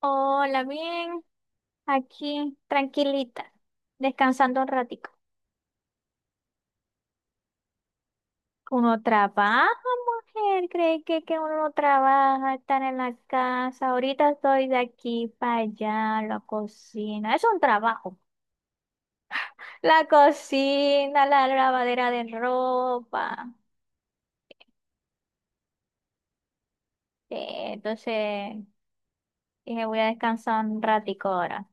Hola, bien, aquí tranquilita, descansando un ratico. Uno trabaja, mujer, cree que, uno no trabaja, estar en la casa. Ahorita estoy de aquí para allá, la cocina, es un trabajo. La cocina, la lavadera de ropa. Entonces, dije, voy a descansar un ratico ahora.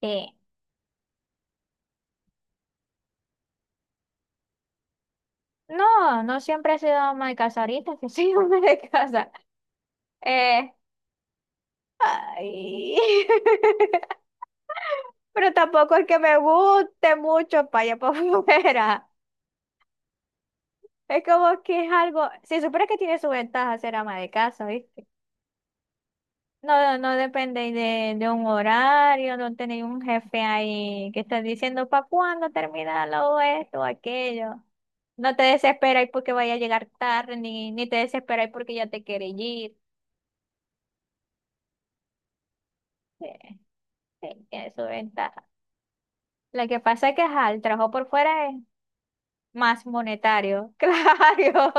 Eh, no, no siempre he sido ama de casa, ahorita que soy ama de casa. Eh, Ay. Pero tampoco es que me guste mucho para allá para afuera. Es como que es algo, si supieras que tiene su ventaja ser ama de casa, ¿viste? No, no depende de un horario, no tenéis un jefe ahí que está diciendo para cuándo termina lo esto o aquello. No te desesperáis porque vaya a llegar tarde, ni te desesperáis porque ya te quiere ir. Sí, sí, tiene su ventaja. Lo que pasa es que ajá, el trabajo por fuera es más monetario, claro.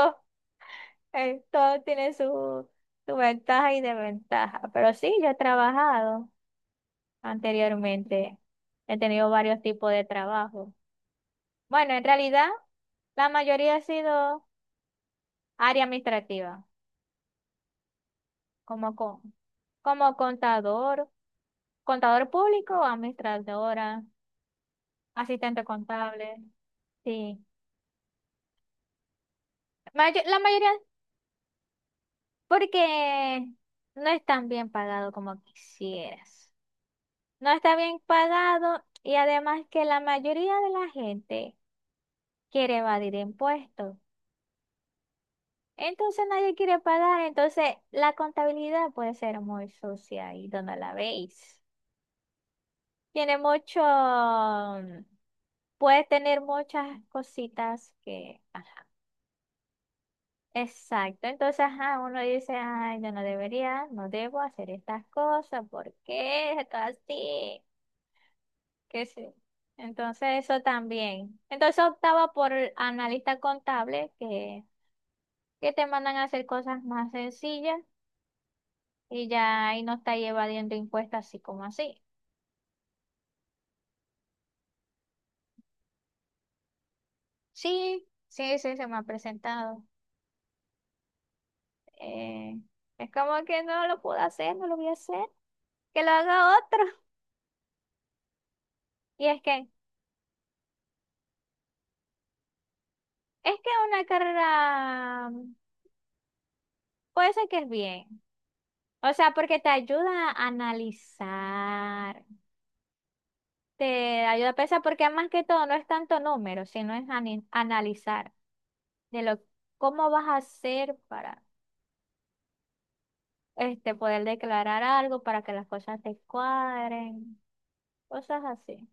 Todo tiene su ventaja y desventaja, pero sí, yo he trabajado anteriormente, he tenido varios tipos de trabajo. Bueno, en realidad la mayoría ha sido área administrativa, como, con, como contador, contador público, administradora, asistente contable, sí. Mayo- la mayoría, porque no es tan bien pagado como quisieras. No está bien pagado y además que la mayoría de la gente quiere evadir impuestos. Entonces nadie quiere pagar, entonces la contabilidad puede ser muy sucia y donde la veis. Tiene mucho, puede tener muchas cositas que, ajá. Exacto, entonces ajá, uno dice, ay, yo no debería, no debo hacer estas cosas, ¿por qué? Esto así. Que sí. Entonces eso también. Entonces optaba por el analista contable que te mandan a hacer cosas más sencillas y ya ahí no está evadiendo impuestos así como así. Sí, sí, sí, se me ha presentado. Eh, es como que no lo puedo hacer, no lo voy a hacer, que lo haga otro. Y es que, es que una carrera puede ser que es bien. O sea, porque te ayuda a analizar. Te ayuda a pensar porque más que todo no es tanto número, sino es analizar de lo cómo vas a hacer para este poder declarar algo, para que las cosas te cuadren, cosas así.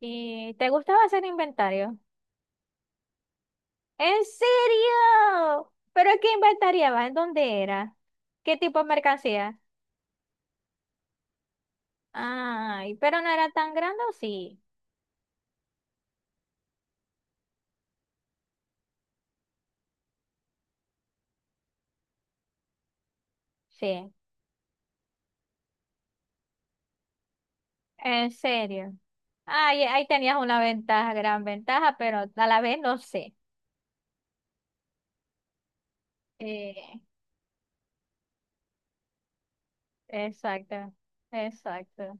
¿Y te gustaba hacer inventario? ¿En serio? ¿Pero qué inventariabas? ¿En dónde era? ¿Qué tipo de mercancía? Ay, pero no era tan grande, ¿o sí? Sí, en serio. Ay, ahí tenías una ventaja, gran ventaja, pero a la vez no sé. Eh, Exacto, exacto.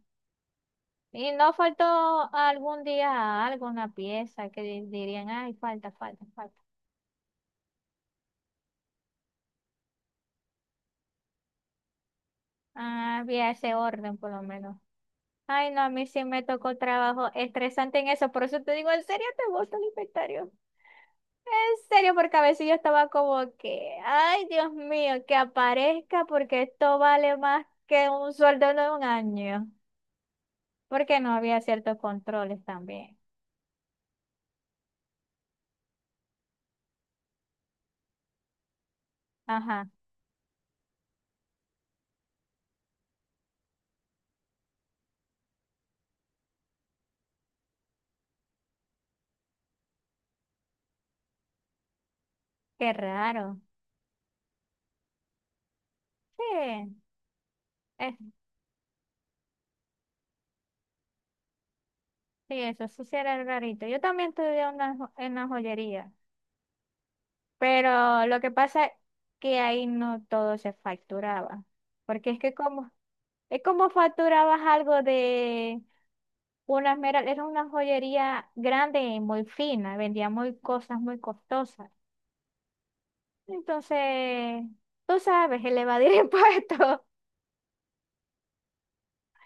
Y no faltó algún día alguna pieza que dirían, ay, falta, falta, falta. Ah, había ese orden por lo menos. Ay, no, a mí sí me tocó trabajo estresante en eso, por eso te digo, ¿en serio te gusta el inventario? En serio, porque a veces yo estaba como que, ay, Dios mío, que aparezca porque esto vale más que un sueldo de un año, porque no había ciertos controles también. Ajá, qué raro. Sí. Es, sí, eso sí era rarito. Yo también estudié una en la joyería, pero lo que pasa es que ahí no todo se facturaba, porque es que es como facturabas algo de una esmeralda, era una joyería grande y muy fina, vendía muy cosas muy costosas. Entonces, tú sabes, elevar el impuesto.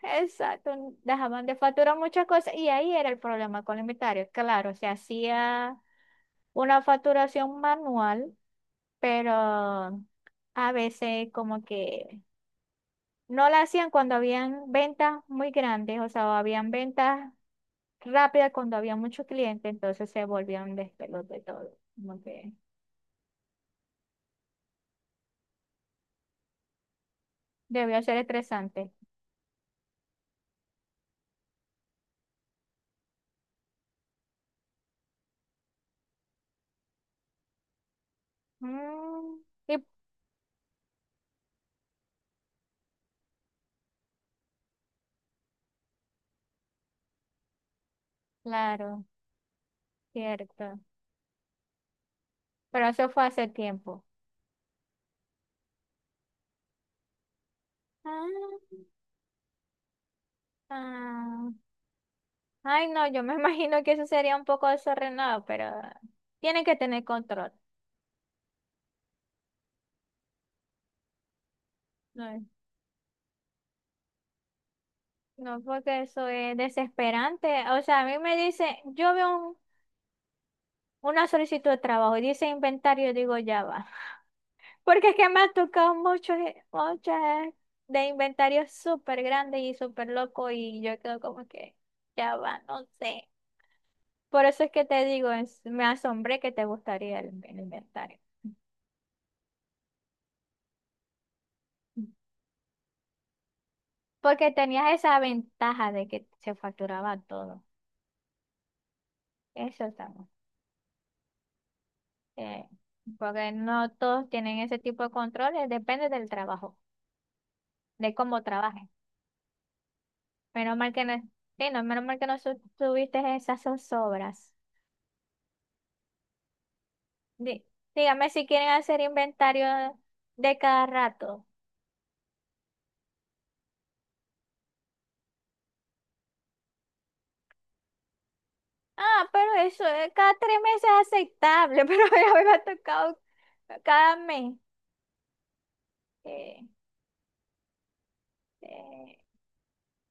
Exacto, dejaban de facturar muchas cosas y ahí era el problema con el inventario. Claro, se hacía una facturación manual, pero a veces como que no la hacían cuando habían ventas muy grandes, o sea, o habían ventas rápidas cuando había muchos clientes, entonces se volvía un despelote todo, como que debió ser estresante. Mm, y claro, cierto, pero eso fue hace tiempo. Ah, ah. Ay, no, yo me imagino que eso sería un poco desordenado, pero tienen que tener control. ¿No? No, porque eso es desesperante. O sea, a mí me dice, yo veo una solicitud de trabajo y dice inventario, digo, ya va. Porque es que me ha tocado muchos, muchas de inventarios súper grandes y súper locos y yo quedo como que, ya va, no sé. Por eso es que te digo, me asombré que te gustaría el inventario. Porque tenías esa ventaja de que se facturaba todo. Eso está eh, porque no todos tienen ese tipo de controles, depende del trabajo, de cómo trabajes. Menos mal que no, sí, no, menos mal que no tuviste esas zozobras. Di- Dígame si quieren hacer inventario de cada rato. Ah, pero eso, cada 3 meses es aceptable, pero ya me ha tocado cada mes. Eh, eh,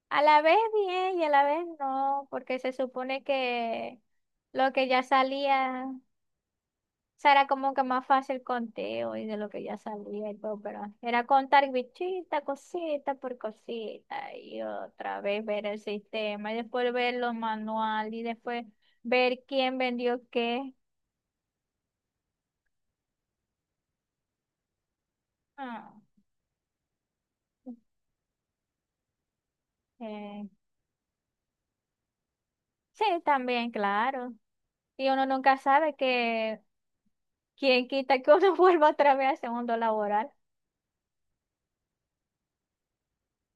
a la vez bien y a la vez no, porque se supone que lo que ya salía. O sea, era como que más fácil conteo y de lo que ya sabía y todo, pero era contar bichita, cosita por cosita y otra vez ver el sistema y después ver los manuales y después ver quién vendió qué. Ah, eh, Sí, también, claro. Y uno nunca sabe que quién quita que uno vuelva otra vez al segundo laboral.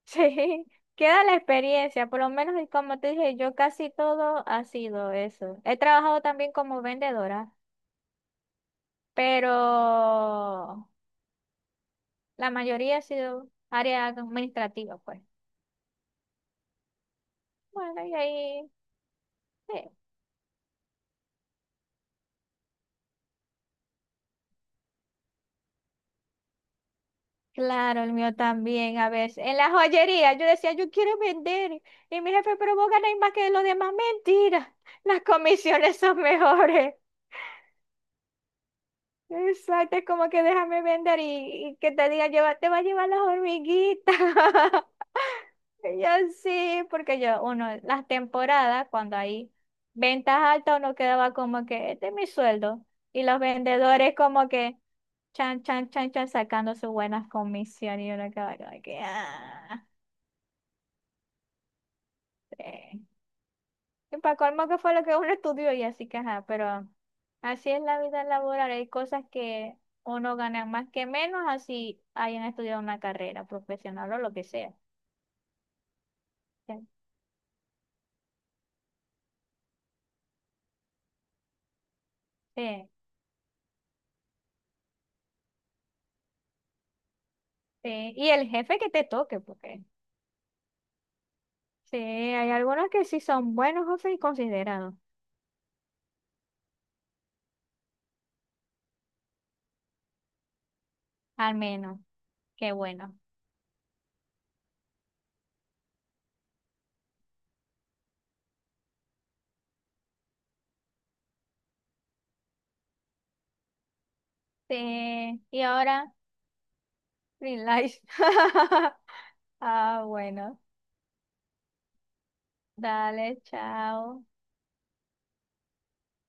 Sí, queda la experiencia, por lo menos y como te dije, yo casi todo ha sido eso. He trabajado también como vendedora. Pero la mayoría ha sido área administrativa, pues. Bueno, y ahí, sí. Claro, el mío también, a veces. En la joyería, yo decía, yo quiero vender. Y mi jefe, pero vos ganáis más que los demás. Mentira, las comisiones son mejores. Exacto, es como que déjame vender y que te diga, lleva, te va a llevar las hormiguitas. Y yo sí, porque yo, uno, las temporadas, cuando hay ventas altas, uno quedaba como que, este es mi sueldo. Y los vendedores como que, chan, chan, chan, chan, sacando sus buenas comisiones y uno quedaba como que, ah, sí. Y para colmo que fue lo que uno estudió y así que ajá, pero así es la vida laboral. Hay cosas que uno gana más que menos así hayan estudiado una carrera profesional o lo que sea. Sí, sí, sí. Y el jefe que te toque, porque sí, hay algunos que sí son buenos jefes y considerados, al menos. Qué bueno. Sí, y ahora, free life. Ah, bueno. Dale, chao.